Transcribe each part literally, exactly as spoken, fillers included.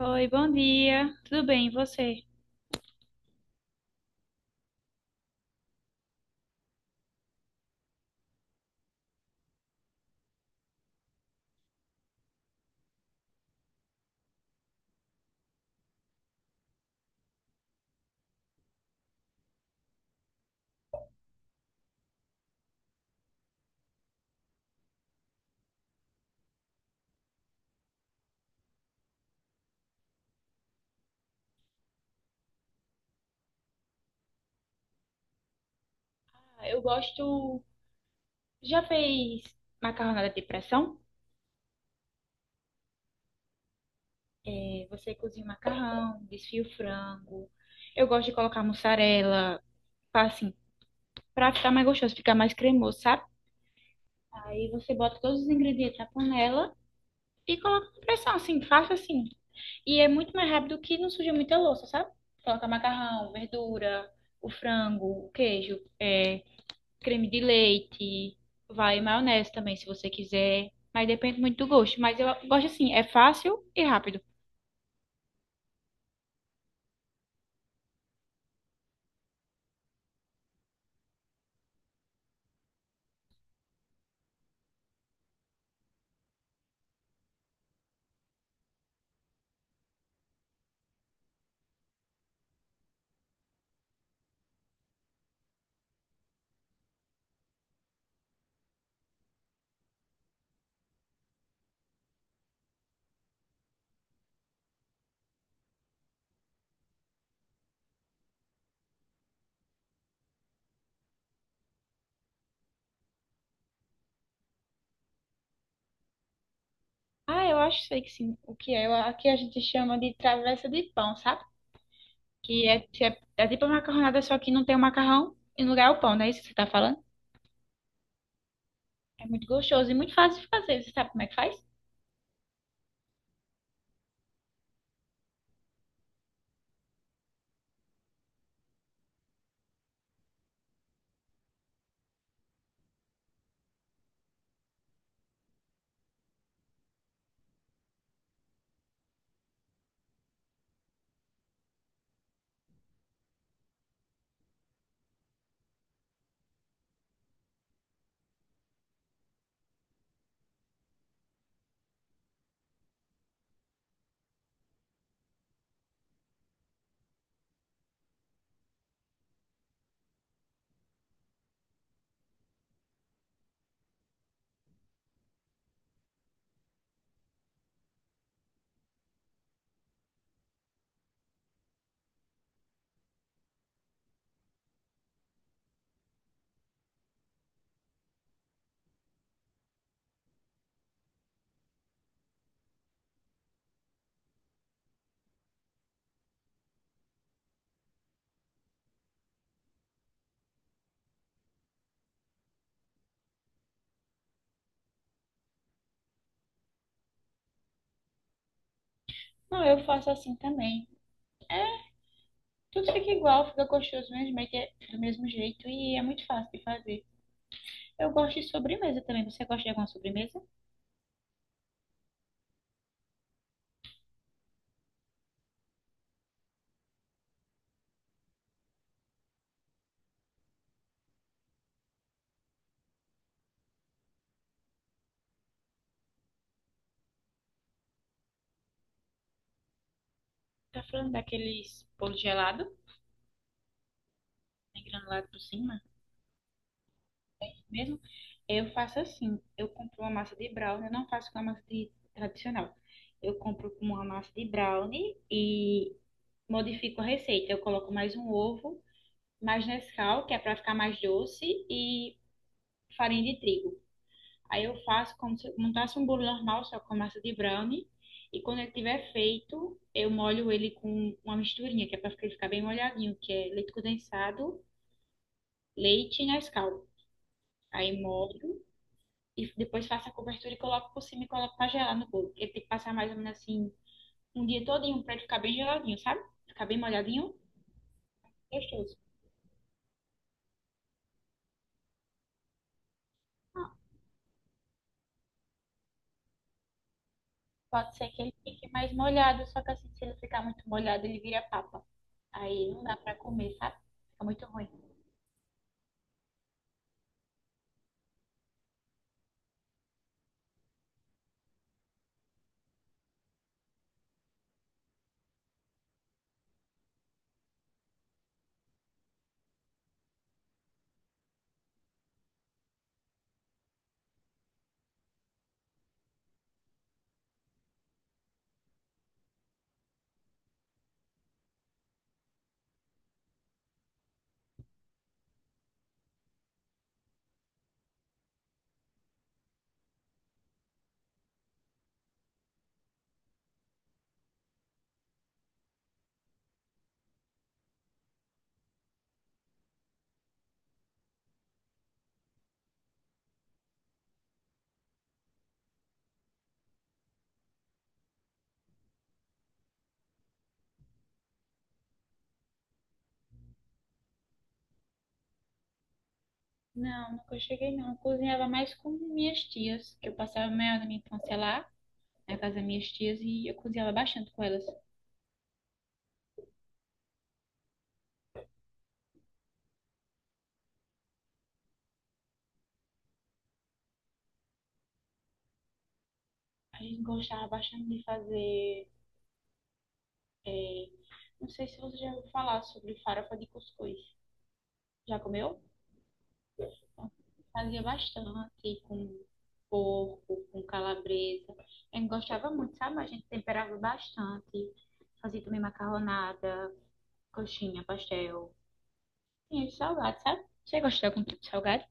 Oi, bom dia. Tudo bem, e você? Ah, eu gosto. Já fez macarronada de pressão? É, Você cozinha o macarrão, desfia o frango. Eu gosto de colocar mussarela, pra, assim, pra ficar mais gostoso, ficar mais cremoso, sabe? Aí você bota todos os ingredientes na panela e coloca com pressão, assim, faça assim. E é muito mais rápido que não suja muita louça, sabe? Coloca macarrão, verdura, o frango, o queijo. É, creme de leite, vai maionese também, se você quiser. Mas depende muito do gosto. Mas eu gosto assim, é fácil e rápido. Ah, eu acho sei que sim, o que é. Eu- aqui a gente chama de travessa de pão, sabe? Que é, é, é tipo a macarronada, só que não tem o macarrão e no lugar é o pão, não é isso que você tá falando? É muito gostoso e muito fácil de fazer. Você sabe como é que faz? Não, eu faço assim também. É, tudo fica igual, fica gostoso mesmo, é que é do mesmo jeito e é muito fácil de fazer. Eu gosto de sobremesa também. Você gosta de alguma sobremesa? Tá falando daqueles bolo gelado, né, granulado por cima mesmo? Eu faço assim, eu compro uma massa de brownie, eu não faço com a massa de- tradicional. Eu compro com uma massa de brownie e modifico a receita. Eu coloco mais um ovo, mais Nescau, que é pra ficar mais doce, e farinha de trigo. Aí eu faço como se eu montasse um bolo normal, só com a massa de brownie. E quando ele tiver feito, eu molho ele com uma misturinha, que é pra ele ficar bem molhadinho, que é leite condensado, leite e Nescau. Aí molho e depois faço a cobertura e coloco por cima e coloco pra gelar no bolo. Ele tem que passar mais ou menos assim um dia todinho pra ele ficar bem geladinho, sabe? Ficar bem molhadinho, gostoso. Ah, pode ser que ele fique mais molhado, só que assim, se ele ficar muito molhado, ele vira papa. Aí não dá pra comer, sabe? Fica muito ruim. Não, nunca cheguei não. Eu cozinhava mais com minhas tias, que eu passava a maior da minha infância lá, na casa das minhas tias, e eu cozinhava bastante com elas. A gente gostava bastante de fazer. É, não sei se você já ouviu falar sobre farofa de cuscuz. Já comeu? Fazia bastante com porco, com calabresa. A gente gostava muito, sabe? A gente temperava bastante. Fazia também macarronada, coxinha, pastel. Tinha de salgado, sabe? Você gosta de algum tipo de salgado?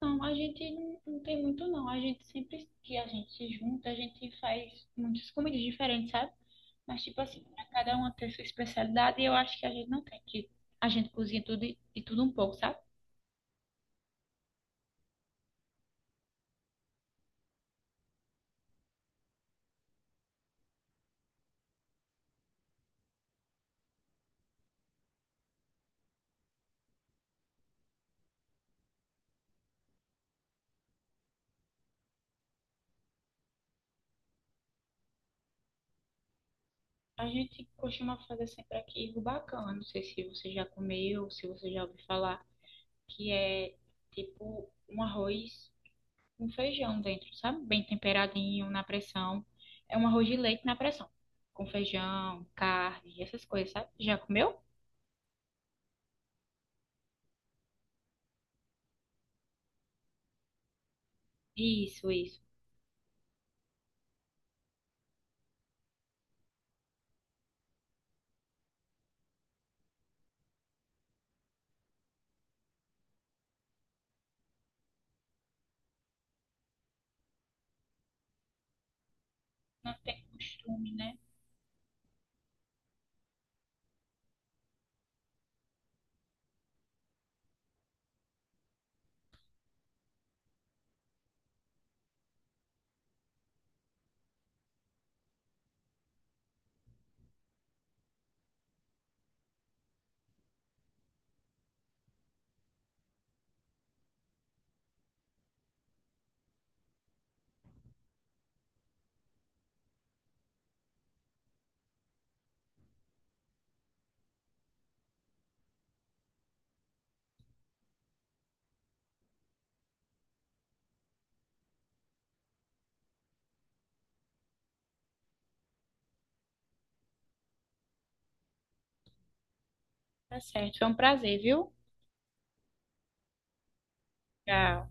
Não, a gente não não tem muito não. A gente sempre que a gente se junta, a gente faz muitas comidas diferentes, sabe? Mas tipo assim, pra cada uma tem sua especialidade e eu acho que a gente não tem que a gente cozinha tudo e e tudo um pouco, sabe? A gente costuma fazer sempre aqui rubacão. Eu não sei se você já comeu, se você já ouviu falar, que é tipo um arroz com feijão dentro, sabe? Bem temperadinho na pressão. É um arroz de leite na pressão, com feijão, carne, essas coisas, sabe? Já comeu? Isso, isso. Não tem costume, né? Tá certo. Foi um prazer, viu? Tchau.